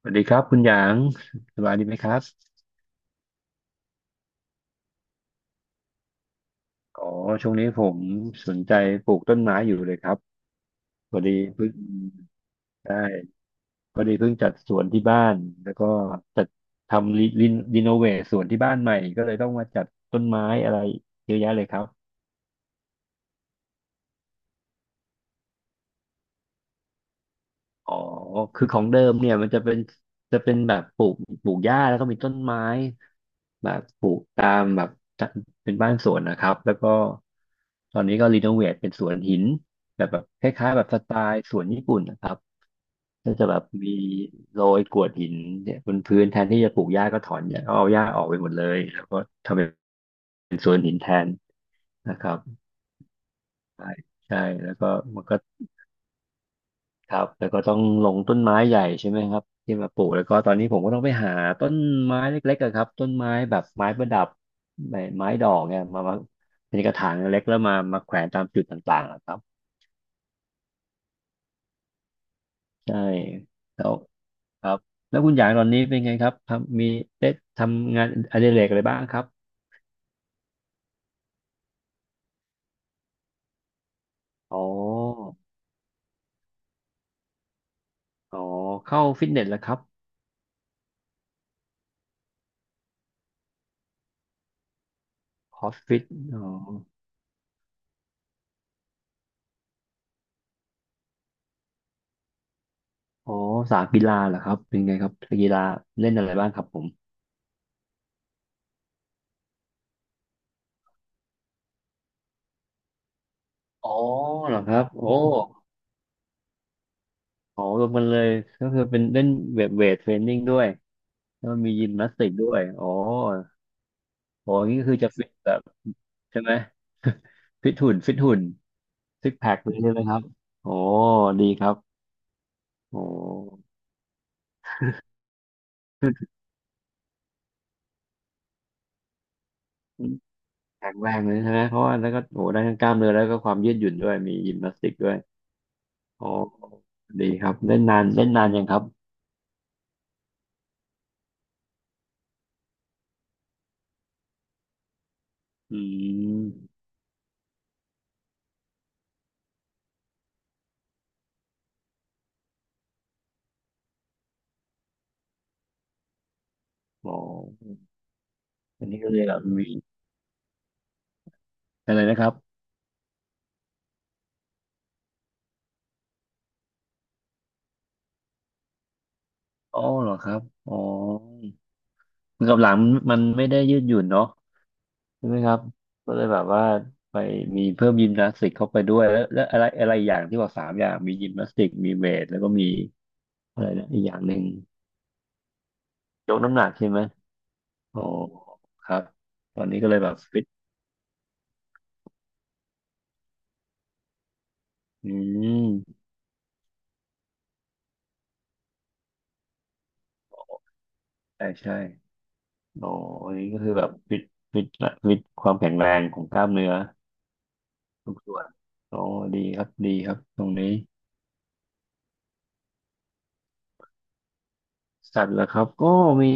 สวัสดีครับคุณหยางสบายดีไหมครับอ๋อช่วงนี้ผมสนใจปลูกต้นไม้อยู่เลยครับพอดีเพิ่งได้พอดีเพิ่งจัดสวนที่บ้านแล้วก็จัดทำรีโนเวทสวนที่บ้านใหม่ก็เลยต้องมาจัดต้นไม้อะไรเยอะแยะเลยครับ อ๋อ คือของเดิมเนี่ยมันจะเป็นจะเป็นแบบปลูกปลูกหญ้าแล้วก็มีต้นไม้แบบปลูกตามแบบเป็นบ้านสวนนะครับแล้วก็ตอนนี้ก็รีโนเวทเป็นสวนหินแบบคล้ายๆแบบสไตล์สวนญี่ปุ่นนะครับก็จะแบบมีโรยกรวดหินเนี่ยบนพื้นแทนที่จะปลูกหญ้าก็ถอนหญ้าเอาหญ้าออกไปหมดเลยแล้วก็ทำแปบนนะครับใช่ใช่แล้วก็มันก็ ครับแล้วก็ต้องลงต้นไม้ใหญ่ใช่ไหมครับที่มาปลูกแล้วก็ตอนนี้ผมก็ต้องไปหาต้นไม้เล็กๆอะครับต้นไม้แบบไม้ประดับไม้ดอกเนี่ยมาเป็นกระถางเล็กแล้วมาแขวนตามจุดต่างๆอะครับใช่แล้วครับแล้วคุณหยางตอนนี้เป็นไงครับทำมีได้ทำงานอดิเรกอะไรบ้างครับอ๋ออ๋อเข้าฟิตเนสแล้วครับคอสฟิตอ๋ออ๋อสายกีฬาเหรอครับเป็นไงครับกีฬาเล่นอะไรบ้างครับผมอ๋อเหรอครับโอ้ อ๋อรวมกันเลยก็คือเป็นเล่นเวทเทรนนิ่งด้วยแล้วมียิมนาสติกด้วยอ๋อโอ้นี่คือจะฟิตแบบใช่ไหม ฟิตหุ่นฟิตหุ่นซิกแพคเลยใช่ไหมครับโอ้ดีครับโอ้แข็งแรงเลยใช่ไหมเพราะว่าแล้วก็โอ้ได้ทั้งกล้ามเนื้อแล้วก็ความยืดหยุ่นด้วยมียิมนาสติกด้วยอ๋อดีครับเล่นนานเล่นนานยังครับอืมอ๋ออันนี้ก็เลยแบบมีอะไรนะครับอ๋อเหรอครับอ๋อ มือกับหลังมันไม่ได้ยืดหยุ่นเนาะใช่ไหมครับก็เลยแบบว่าไปมีเพิ่มยิมนาสติกเข้าไปด้วยแล้วอะไรอะไรอย่างที่บอกสามอย่างมียิมนาสติกมีเวทแล้วก็มีอะไรนะอีกอย่างหนึ่งยกน้ำหนักใช่ไหมโอ้ครับตอนนี้ก็เลยแบบฟิตอืมใช่ใช่โอ้อันนี้ก็คือแบบฟิตฟิตความแข็งแรงของกล้ามเนื้อทุกส่วนโอ้ดีครับดีครับตรงนี้ สัตว์เหรอครับก็มี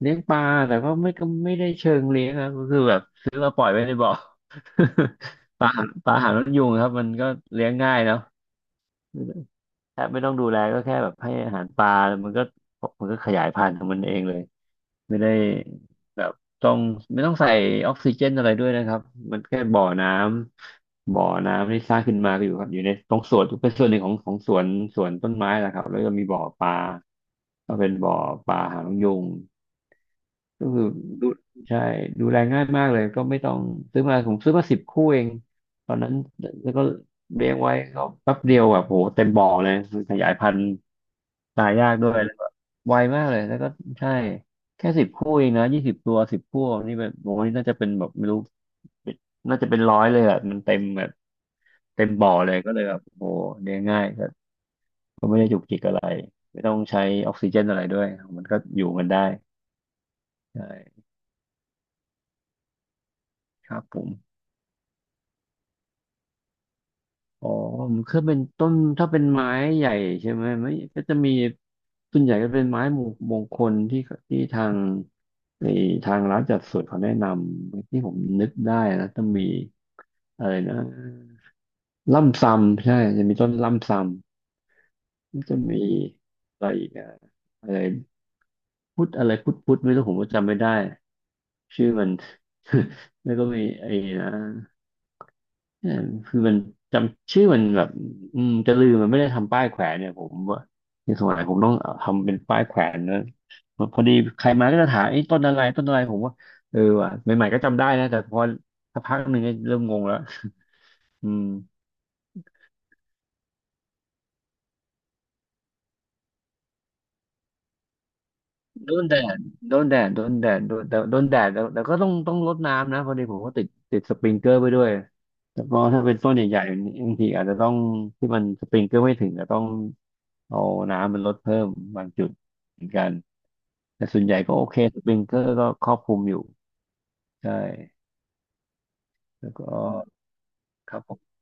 เลี้ยงปลาแต่ก็ไม่ได้เชิงเลี้ยงครับก็คือแบบซื้อมาปล่อยไว้ในบ่อ ปลาปลาหางนกยูงครับมันก็เลี้ยงง่ายเนาะ แทบไม่ต้องดูแลก็แค่แบบให้อาหารปลามันก็มันก็ขยายพันธุ์ของมันเองเลยไม่ได้แบบต้องไม่ต้องใส่ออกซิเจนอะไรด้วยนะครับมันแค่บ่อน้ำที่สร้างขึ้นมาก็อยู่ครับอยู่ในตรงสวนเป็นส่วนหนึ่งของสวนต้นไม้แหละครับแล้วก็มีบ่อปลาก็เป็นบ่อปลาหางนกยูง ก็คือดูใช่ดูแลง่ายมากเลยก็ไม่ต้องซื้อมาผมซื้อมาสิบคู่เองตอนนั้นแล้วก็เลี้ยงไว้ก็แป๊บเดียวแบบโหเต็มบ่อเลยคือขยายพันธุ์ตายยากด้วยแล้วก็ไวมากเลยแล้วก็ใช่แค่สิบคู่เองนะ20 ตัวสิบคู่นี่แบบโอนี่น่าจะเป็นแบบไม่รู้เป็นน่าจะเป็นร้อยเลยอ่ะมันเต็มแบบเต็มบ่อเลยก็เลยแบบโอ้โหเลี้ยงง่ายก็ไม่ได้จุกจิกอะไรไม่ต้องใช้ออกซิเจนอะไรด้วยมันก็อยู่กันได้ใช่ครับผม อ๋อคือเป็นต้นถ้าเป็นไม้ใหญ่ใช่ไหมไม่ก็จะมีส่วนใหญ่ก็เป็นไม้มงมงคลที่ทางในทางร้านจัดสวนเขาแนะนำที่ผมนึกได้นะจะมีอะไรนะล่ำซำใช่จะมีต้นล่ำซำมันจะมีอะไรอีกอะอะไรพุทธไม่รู้ผมก็จำไม่ได้ชื่อมัน แล้วก็มีไอ้นะ เออคือมันจำชื่อมันแบบอืมจะลืมมันไม่ได้ทำป้ายแขวนเนี่ยผมว่าในสมัยผมต้องทำเป็นป้ายแขวนนะพอดีใครมาก็จะถามไอ้ยต้นอะไรต้นอะไรผมว่าเออว่ะใหม่ๆก็จำได้นะแต่พอสักพักหนึ่งก็เริ่มงงแล้วอืมโดนแดดโดนแดดโดนแดดโดนแต่โดนแดดแต่ก็ต้องรดน้ำนะพอดีผมก็ติดสปริงเกอร์ไปด้วยแล้วก็ถ้าเป็นต้นใหญ่ๆบางทีอาจจะต้องที่มันสปริงเกอร์ไม่ถึงจะต้องเอาน้ำมันลดเพิ่มบางจุดเหมือนกัน แต่ส่วนใหญ่ก็โอเคสปริงเกอร์ก็ครอบคลุมอยู่ใช่แล้วก็ครับผม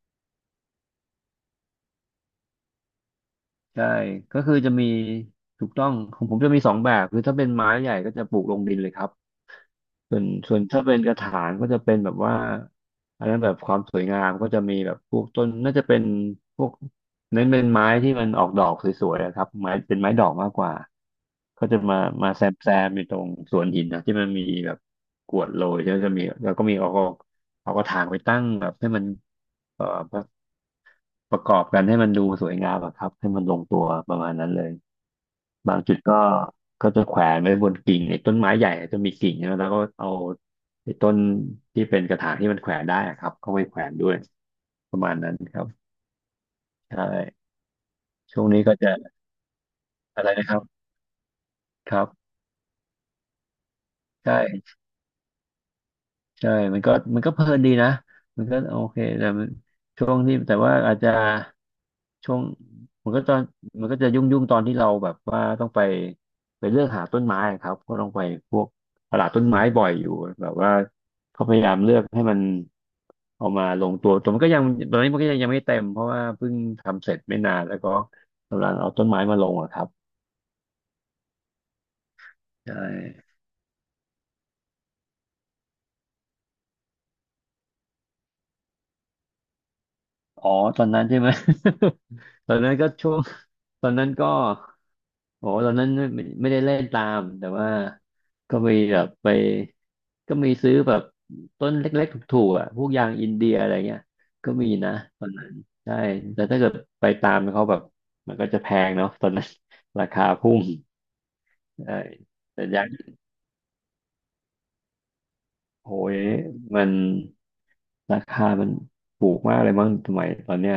ใช่ก็คือจะมีถูกต้องของผมจะมีสองแบบคือถ้าเป็นไม้ใหญ่ก็จะปลูกลงดินเลยครับ ส่วนถ้าเป็นกระถางก็จะเป็นแบบว่าอันนั้นแบบความสวยงามก็จะมีแบบพวกต้นน่าจะเป็นพวกเน้นเป็นไม้ที่มันออกดอกสวยๆอะครับไม้เป็นไม้ดอกมากกว่าก็จะมาแซมแซมอยู่ตรงสวนหินนะที่มันมีแบบกรวดโรยแล้วจะมีแล้วก็มีเอากระถางไปตั้งแบบให้มันเอ่อประประกอบกันให้มันดูสวยงามอะครับให้มันลงตัวประมาณนั้นเลย บางจุดก็จะแขวนไว้บนกิ่งไอ้ต้นไม้ใหญ่จะมีกิ่งนะแล้วก็เอาไอ้ต้นที่เป็นกระถางที่มันแขวนได้อะครับเข้าไปแขวนด้วยประมาณนั้นครับใช่ช่วงนี้ก็จะอะไรนะครับครับใช่ ใช่มันก็เพลินดีนะมันก็โอเคแต่มันช่วงที่แต่ว่าอาจจะช่วงมันก็ตอนมันก็จะยุ่งตอนที่เราแบบว่าต้องไปไปเลือกหาต้นไม้อะครับก็ต้องไปพวกตลาดต้นไม้บ่อยอยู่แบบว่าเขาพยายามเลือกให้มันเอามาลงตัวแต่มันก็ยังตอนนี้มันก็ยังไม่เต็มเพราะว่าเพิ่งทำเสร็จไม่นานแล้วก็กำลังเอาต้นไม้มาลงอะครับใช่อ๋อตอนนั้นใช่ไหม ตอนนั้นก็ช่วงตอนนั้นก็ โอ้ตอนนั้นไม่ได้เล่นตามแต่ว่าก็มีแบบไปก็มีซื้อแบบต้นเล็กๆถูกๆอ่ะพวกยางอินเดียอะไรเงี้ยก็มีนะตอนนั้นใช่แต่ถ้าเกิดไปตามเขาแบบมันก็จะแพงเนาะตอนนั้น ราคาพุ่งใช่แต่ยางโอ้ยมันราคามันถูกมากเลยมั้งสมัยตอนเนี้ย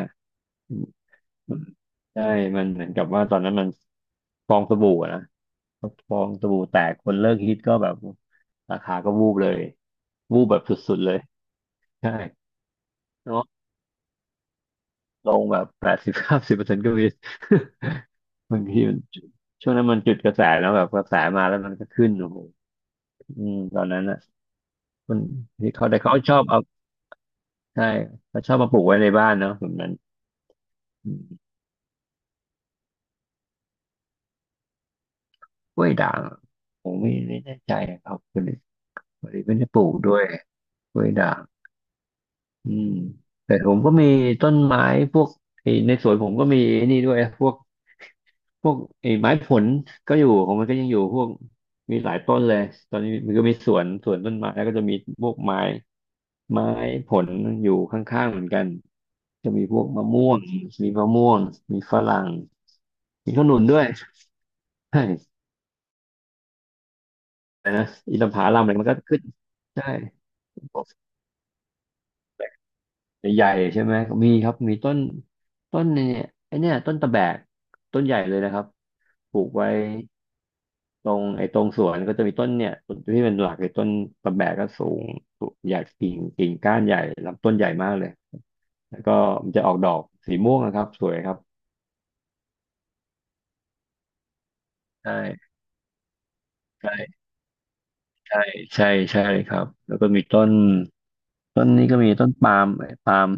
ใช่ มันเหมือนกับว่าตอนนั้นมันฟองสบู่อะนะฟองสบู่แตกคนเลิกฮิตก็แบบราคาก็วูบเลยวูบแบบสุดๆเลยใช่เนาะลงแบบ80-90%ก็มี บางทีมันช่วงนั้นมันจุดกระแสแล้วแบบกระแสมาแล้วมันก็ขึ้นโอ้โหอืมตอนนั้นอ่ะมันที่เขาแต่เขาชอบเอาใช่ เขาชอบมาปลูกไว้ในบ้านเนาะแบบนั้นอืมกล้วยด่างผมไม่แน่ใจอะครับคนนี้คนนี้ไม่ได้ปลูกด้วยกล้วยด่าง อืมแต่ผมก็มีต้นไม้พวกไอ้ในสวนผมก็มีไอ้นี่ด้วยพวกพวกไอ้ไม้ผลก็อยู่ของมันก็ยังอยู่พวกมีหลายต้นเลยตอนนี้มันก็มีสวนสวนต้นไม้แล้วก็จะมีพวกไม้ไม้ผลอยู่ข้างๆเหมือนกันจะมีพวกมะม่วงมีมะม่วงมีฝรั่งมีขนุนด้วยใช่แต่นะอินทผลัมอะไรมันก็ขึ้นใช่ ใหญ่ๆใช่ไหมมีครับมีต้นต้นเนี่ยไอเนี่ยต้นตะแบกต้นใหญ่เลยนะครับปลูกไว้ตรงไอ้ตรงสวนก็จะมีต้นเนี่ยต้นที่เป็นหลักเลยต้นตะแบกก็สูงสูงใหญ่กิ่งก้านใหญ่ลำต้นใหญ่มากเลยแล้วก็มันจะออกดอกสีม่วงนะครับสวยครับใช่ใช่ใช่ใช่ใช่ครับแล้วก็มีต้นต้นนี้ก็มีต้นปาล์มเอ้ยปาล์ม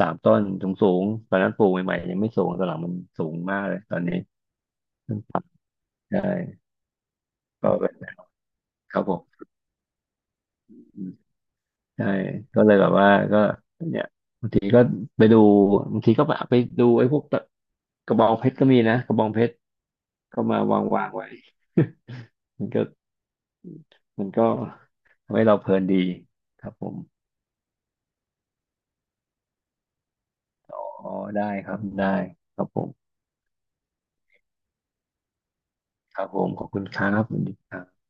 3 ต้นสูงสูงตอนนั้นปลูกใหม่ๆยังไม่สูงตอนหลังมันสูงมากเลยตอนนี้ต้นปาล์มใช่ก็ ครับผมใช่ก็เลยแบบว่าก็เนี่ยบางทีก็ไปดูบางทีก็ไปดูไอ้พวกตะกระบองเพชรก็มีนะกระบองเพชรก็มาวางไว้มันก็มันก็ทำให้เราเพลินดีครับผมอ๋อได้ครับได้ครับผมครับผมขอบคุณครับสวัสดีครับ